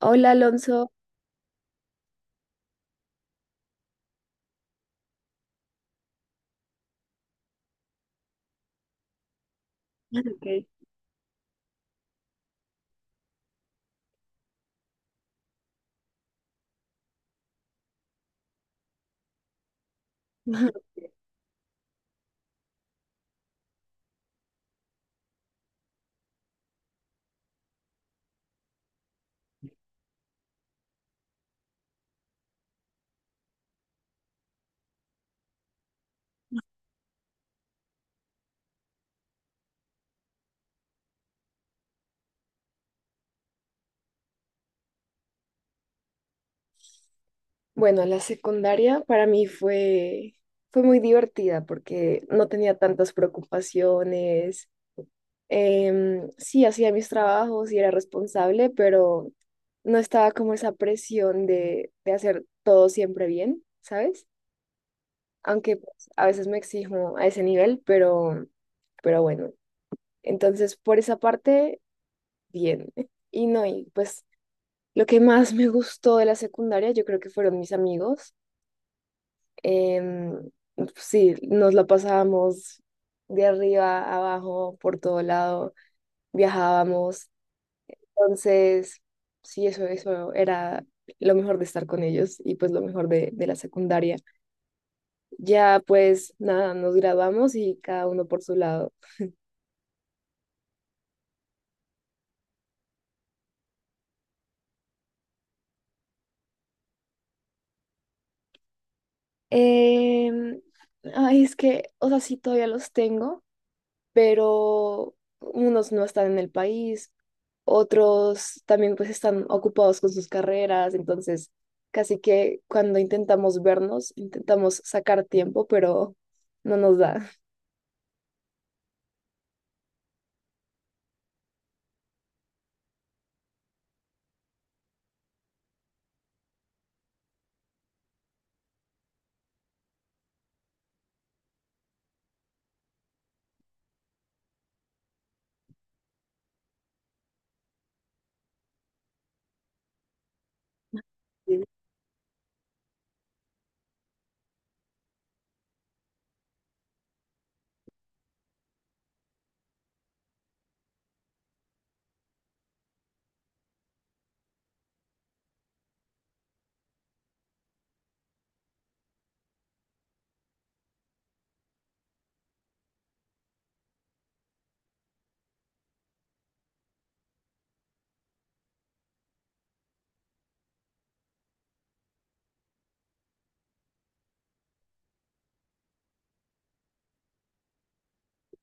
Hola Alonso. Ah, ok. Bueno, la secundaria para mí fue, fue muy divertida porque no tenía tantas preocupaciones. Sí, hacía mis trabajos y era responsable, pero no estaba como esa presión de hacer todo siempre bien, ¿sabes? Aunque pues, a veces me exijo a ese nivel, pero bueno. Entonces, por esa parte, bien. Y no, y pues lo que más me gustó de la secundaria, yo creo que fueron mis amigos. Em, sí, nos la pasábamos de arriba a abajo, por todo lado, viajábamos. Entonces, sí, eso era lo mejor de estar con ellos y pues lo mejor de la secundaria. Ya pues nada, nos graduamos y cada uno por su lado. Em, Ay, es que, o sea, sí, todavía los tengo, pero unos no están en el país, otros también pues están ocupados con sus carreras, entonces casi que cuando intentamos vernos, intentamos sacar tiempo, pero no nos da. Sí,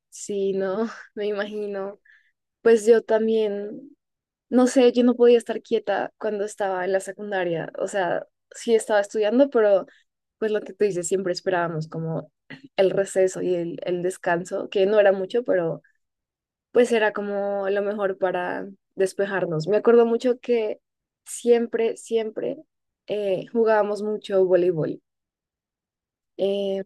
sí, no, me imagino. Pues yo también, no sé, yo no podía estar quieta cuando estaba en la secundaria, o sea, sí estaba estudiando, pero pues lo que tú dices, siempre esperábamos como el receso y el descanso, que no era mucho, pero pues era como lo mejor para despejarnos. Me acuerdo mucho que siempre, siempre jugábamos mucho voleibol. Eh,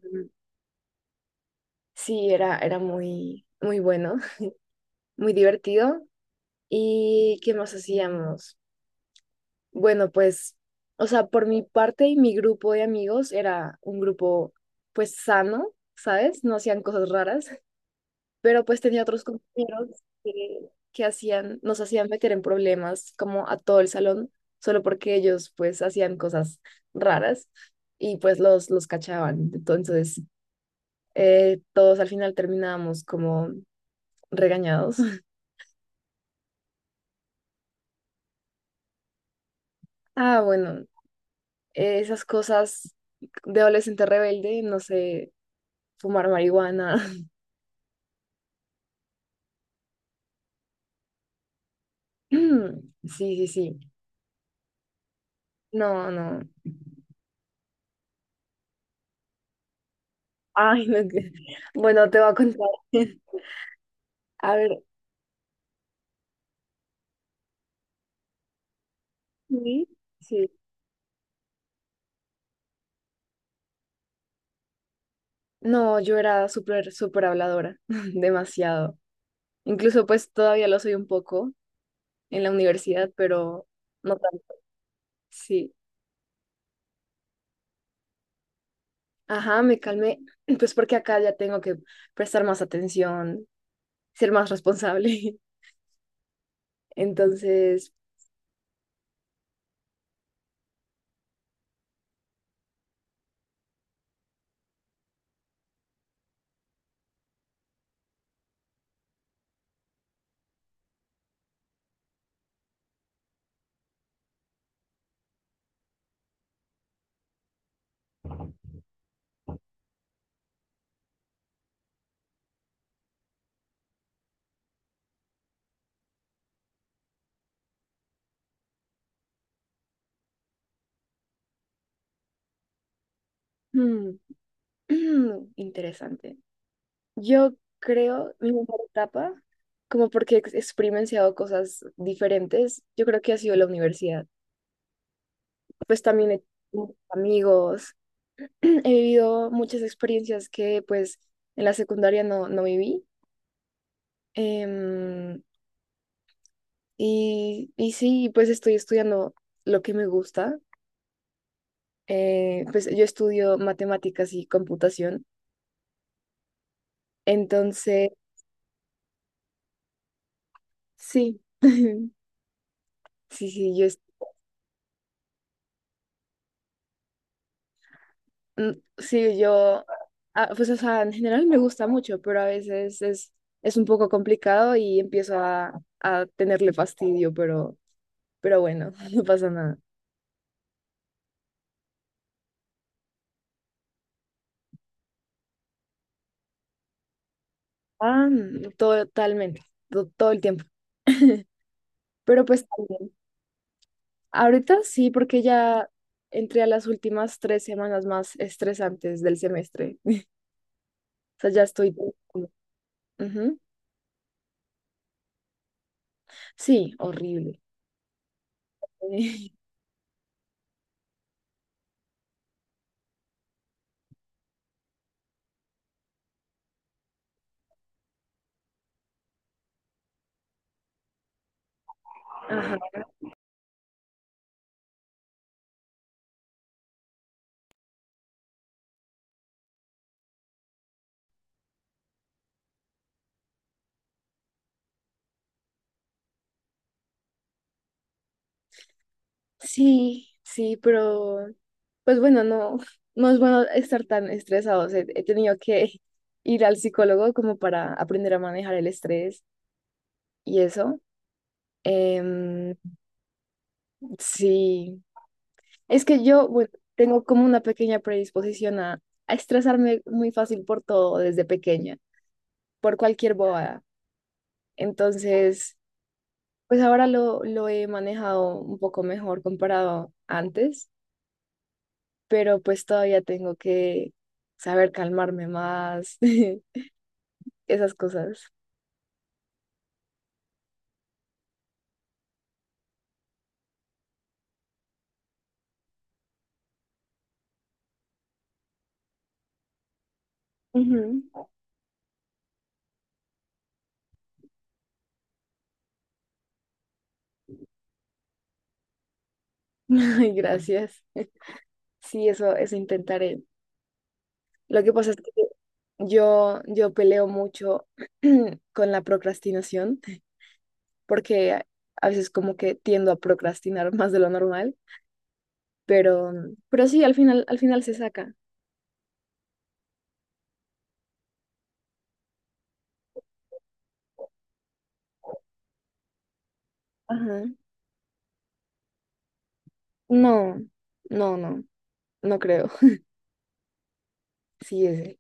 sí, era, era muy, muy bueno, muy divertido. ¿Y qué más hacíamos? Bueno, pues, o sea, por mi parte y mi grupo de amigos era un grupo, pues, sano, ¿sabes? No hacían cosas raras. Pero pues tenía otros compañeros que, que hacían, nos hacían meter en problemas como a todo el salón, solo porque ellos pues hacían cosas raras y pues los cachaban. Entonces, todos al final terminábamos como regañados. Ah, bueno, esas cosas de adolescente rebelde, no sé, fumar marihuana. Sí, sí, sí. No, no. Ay, no. Que- bueno, te voy a contar. A ver, sí, sí. No, yo era súper, súper habladora, demasiado. Incluso pues todavía lo soy un poco en la universidad, pero no tanto. Sí. Ajá, me calmé, pues porque acá ya tengo que prestar más atención, ser más responsable. Entonces, mm, interesante. Yo creo mi mejor etapa, como porque he ex- experienciado cosas diferentes, yo creo que ha sido la universidad. Pues también he tenido amigos, he vivido muchas experiencias que pues en la secundaria no, no viví. Em, y, y sí, pues estoy estudiando lo que me gusta. Pues yo estudio matemáticas y computación. Entonces, sí, sí, sí, yo, es- mm, sí, yo, ah, pues o sea, en general me gusta mucho, pero a veces es un poco complicado y empiezo a tenerle fastidio, pero bueno, no pasa nada. Ah, mm, totalmente, to- todo el tiempo. Pero pues también, ahorita sí, porque ya entré a las últimas 3 semanas más estresantes del semestre. O sea, ya estoy... Ujú. Sí, horrible. Ajá. Sí, sí, pero pues bueno, no, no es bueno estar tan estresados. He, he tenido que ir al psicólogo como para aprender a manejar el estrés y eso. Em, sí, es que yo, bueno, tengo como una pequeña predisposición a estresarme muy fácil por todo desde pequeña, por cualquier bobada. Entonces, pues ahora lo he manejado un poco mejor comparado antes, pero pues todavía tengo que saber calmarme más, esas cosas. Ujú. Ay, gracias. Sí, eso intentaré. Lo que pasa es que yo peleo mucho con la procrastinación. Porque a veces como que tiendo a procrastinar más de lo normal, pero, pero sí, al final se saca. Ajá. No, no, no, no creo. Sí, es él.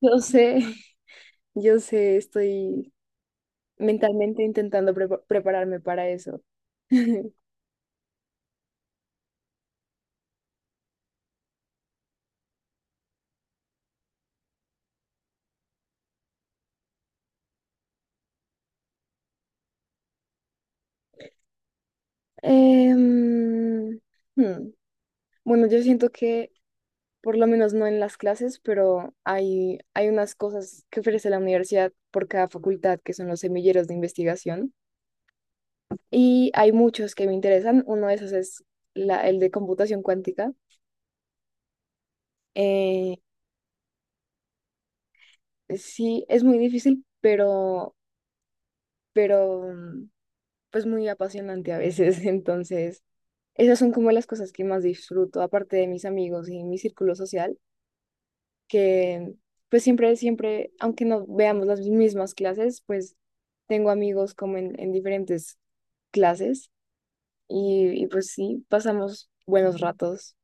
Yo sé, yo sé, estoy mentalmente intentando prepa- prepararme para eso. Em, hmm, Bueno, yo siento que, por lo menos no en las clases, pero hay unas cosas que ofrece la universidad por cada facultad, que son los semilleros de investigación. Y hay muchos que me interesan. Uno de esos es la, el de computación cuántica. Eh, sí, es muy difícil, pero mm, pues muy apasionante a veces. Entonces, esas son como las cosas que más disfruto, aparte de mis amigos y mi círculo social, que pues siempre, siempre, aunque no veamos las mismas clases, pues tengo amigos como en diferentes clases y pues sí, pasamos buenos ratos.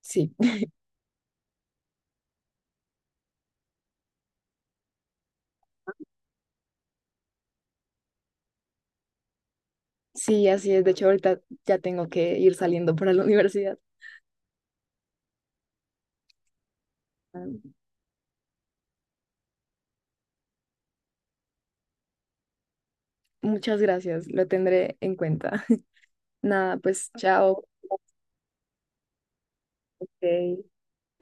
Sí. Sí, así es. De hecho, ahorita ya tengo que ir saliendo para la universidad. Muchas gracias, lo tendré en cuenta. Nada, pues chao. Ok.